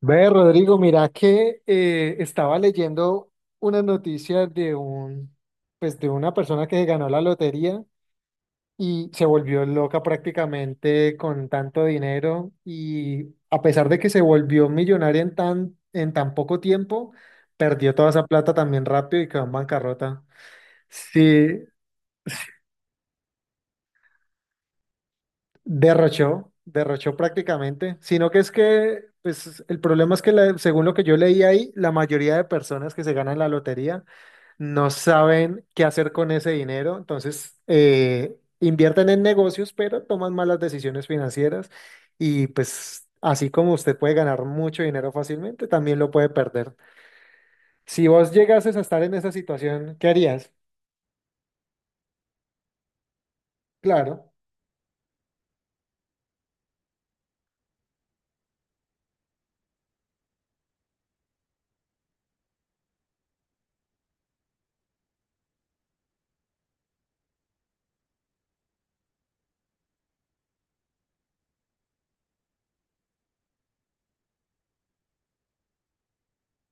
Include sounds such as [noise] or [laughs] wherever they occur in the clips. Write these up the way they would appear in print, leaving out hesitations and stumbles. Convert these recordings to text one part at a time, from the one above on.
Ve, Rodrigo, mira que estaba leyendo una noticia de pues de una persona que ganó la lotería y se volvió loca prácticamente con tanto dinero y a pesar de que se volvió millonaria en tan poco tiempo, perdió toda esa plata también rápido y quedó en bancarrota. Sí. Derrochó prácticamente, sino pues el problema es que según lo que yo leí ahí, la mayoría de personas que se ganan la lotería no saben qué hacer con ese dinero, entonces invierten en negocios, pero toman malas decisiones financieras y pues así como usted puede ganar mucho dinero fácilmente, también lo puede perder. Si vos llegases a estar en esa situación, ¿qué harías? Claro.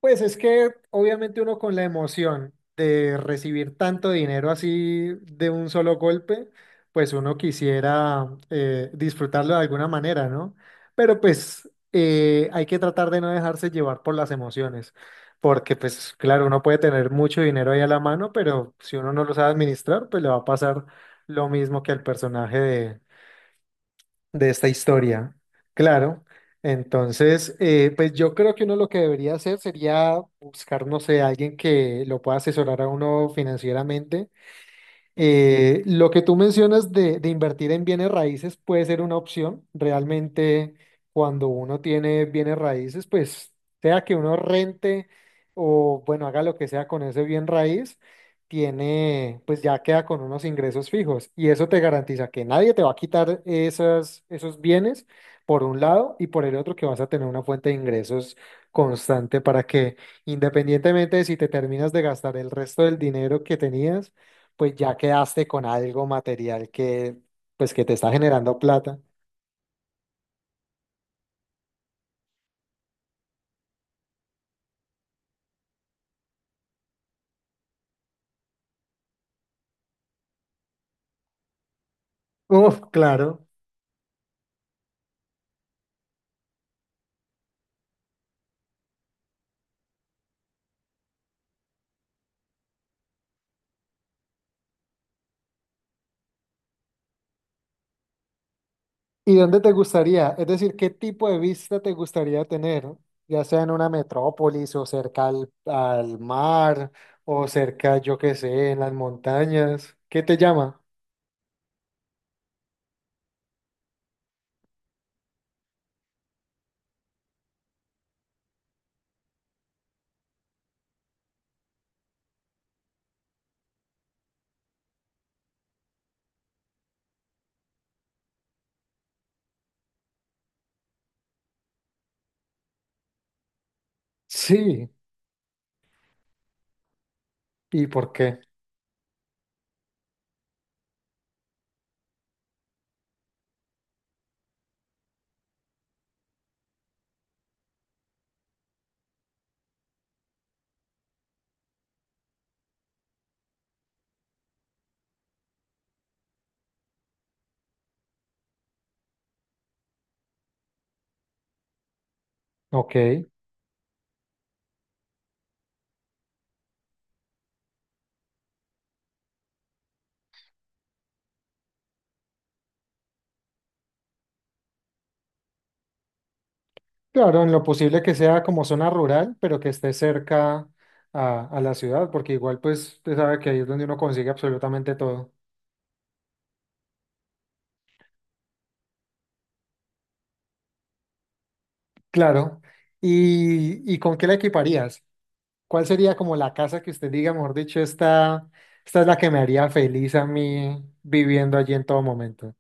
Pues es que obviamente uno con la emoción de recibir tanto dinero así de un solo golpe, pues uno quisiera disfrutarlo de alguna manera, ¿no? Pero pues hay que tratar de no dejarse llevar por las emociones, porque pues claro, uno puede tener mucho dinero ahí a la mano, pero si uno no lo sabe administrar, pues le va a pasar lo mismo que al personaje de esta historia. Claro. Entonces, pues yo creo que uno lo que debería hacer sería buscar, no sé, alguien que lo pueda asesorar a uno financieramente lo que tú mencionas de invertir en bienes raíces puede ser una opción. Realmente, cuando uno tiene bienes raíces, pues sea que uno rente o, bueno, haga lo que sea con ese bien raíz, tiene, pues ya queda con unos ingresos fijos. Y eso te garantiza que nadie te va a quitar esas, esos bienes, por un lado, y por el otro, que vas a tener una fuente de ingresos constante para que, independientemente de si te terminas de gastar el resto del dinero que tenías, pues ya quedaste con algo material que, pues que te está generando plata. Uf, claro. ¿Y dónde te gustaría? Es decir, ¿qué tipo de vista te gustaría tener? Ya sea en una metrópolis o cerca al mar o cerca, yo qué sé, en las montañas. ¿Qué te llama? Sí. ¿Y por qué? Ok. Claro, en lo posible que sea como zona rural, pero que esté cerca a la ciudad, porque igual pues usted sabe que ahí es donde uno consigue absolutamente todo. Claro. ¿Y con qué la equiparías? ¿Cuál sería como la casa que usted diga, mejor dicho, esta es la que me haría feliz a mí viviendo allí en todo momento?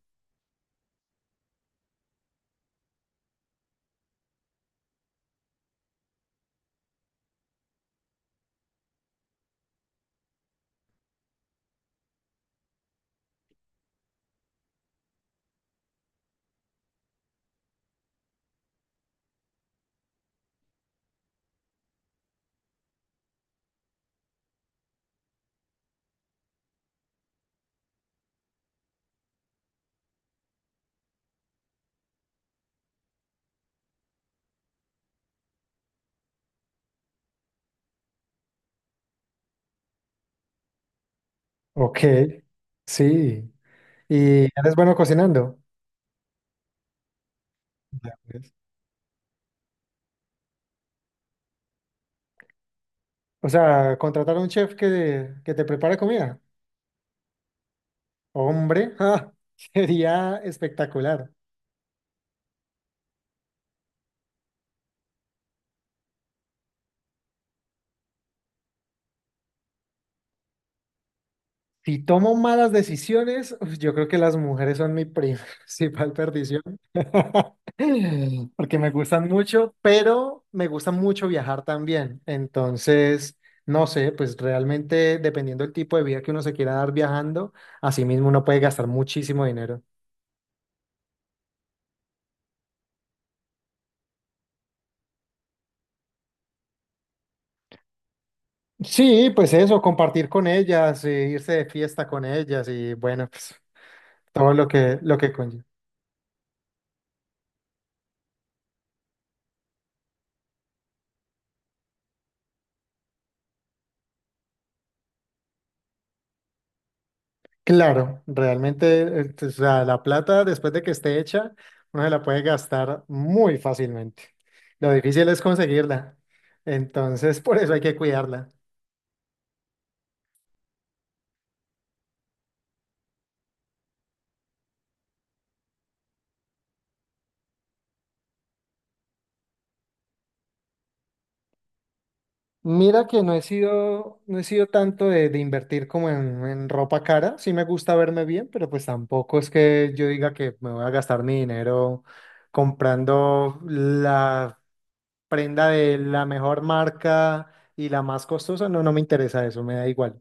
Ok, sí. ¿Y eres bueno cocinando? Ya, pues. O sea, contratar a un chef que te prepare comida. Hombre, [laughs] ja, sería espectacular. Si tomo malas decisiones, uf, yo creo que las mujeres son mi [laughs] principal perdición. [laughs] Porque me gustan mucho, pero me gusta mucho viajar también. Entonces, no sé, pues realmente dependiendo del tipo de vida que uno se quiera dar viajando, así mismo uno puede gastar muchísimo dinero. Sí, pues eso, compartir con ellas, irse de fiesta con ellas y bueno, pues todo lo que conlleva. Claro, realmente, o sea, la plata después de que esté hecha, uno se la puede gastar muy fácilmente. Lo difícil es conseguirla. Entonces, [laughs] por eso hay que cuidarla. Mira que no he sido tanto de invertir como en ropa cara. Sí me gusta verme bien, pero pues tampoco es que yo diga que me voy a gastar mi dinero comprando la prenda de la mejor marca y la más costosa. No, no me interesa eso, me da igual.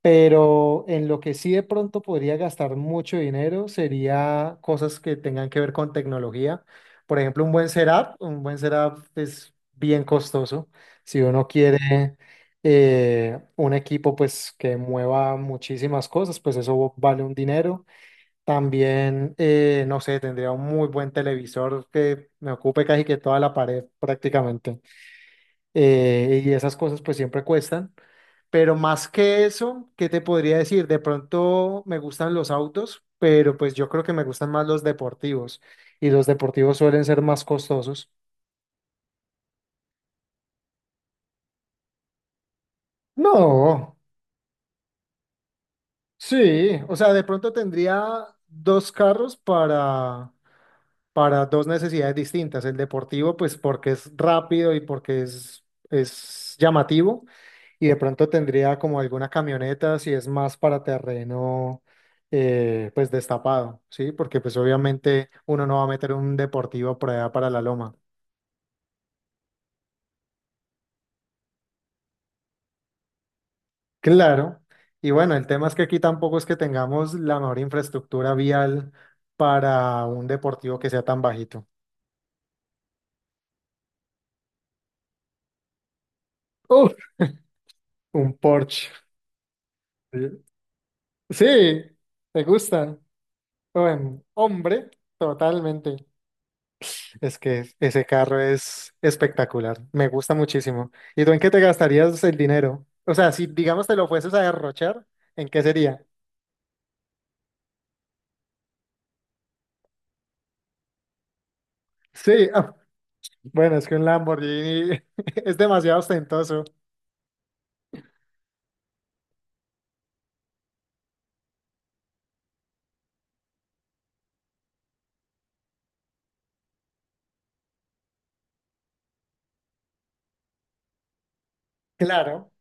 Pero en lo que sí de pronto podría gastar mucho dinero sería cosas que tengan que ver con tecnología. Por ejemplo, un buen setup es bien costoso. Si uno quiere un equipo pues que mueva muchísimas cosas, pues eso vale un dinero. También, no sé, tendría un muy buen televisor que me ocupe casi que toda la pared prácticamente. Y esas cosas pues siempre cuestan. Pero más que eso, ¿qué te podría decir? De pronto me gustan los autos, pero pues yo creo que me gustan más los deportivos y los deportivos suelen ser más costosos. No, sí, o sea, de pronto tendría dos carros para dos necesidades distintas. El deportivo, pues porque es rápido y porque es llamativo, y de pronto tendría como alguna camioneta si es más para terreno, pues destapado, ¿sí? Porque pues obviamente uno no va a meter un deportivo por allá para la loma. Claro. Y bueno, el tema es que aquí tampoco es que tengamos la mejor infraestructura vial para un deportivo que sea tan bajito. Uf, un Porsche. Sí. Sí, me gusta. Bueno, hombre, totalmente. Es que ese carro es espectacular, me gusta muchísimo. ¿Y tú en qué te gastarías el dinero? O sea, si digamos te lo fueses a derrochar, ¿en qué sería? Sí, ah, bueno, es que un Lamborghini [laughs] es demasiado ostentoso. Claro,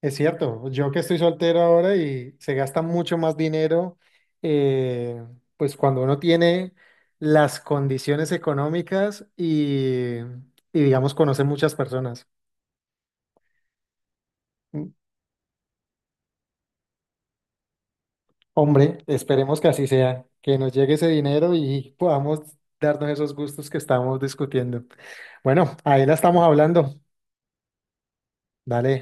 es cierto. Yo que estoy soltero ahora y se gasta mucho más dinero, eh, pues cuando uno tiene las condiciones económicas y digamos, conoce muchas personas. Hombre, esperemos que así sea, que nos llegue ese dinero y podamos darnos esos gustos que estamos discutiendo. Bueno, ahí la estamos hablando. Dale.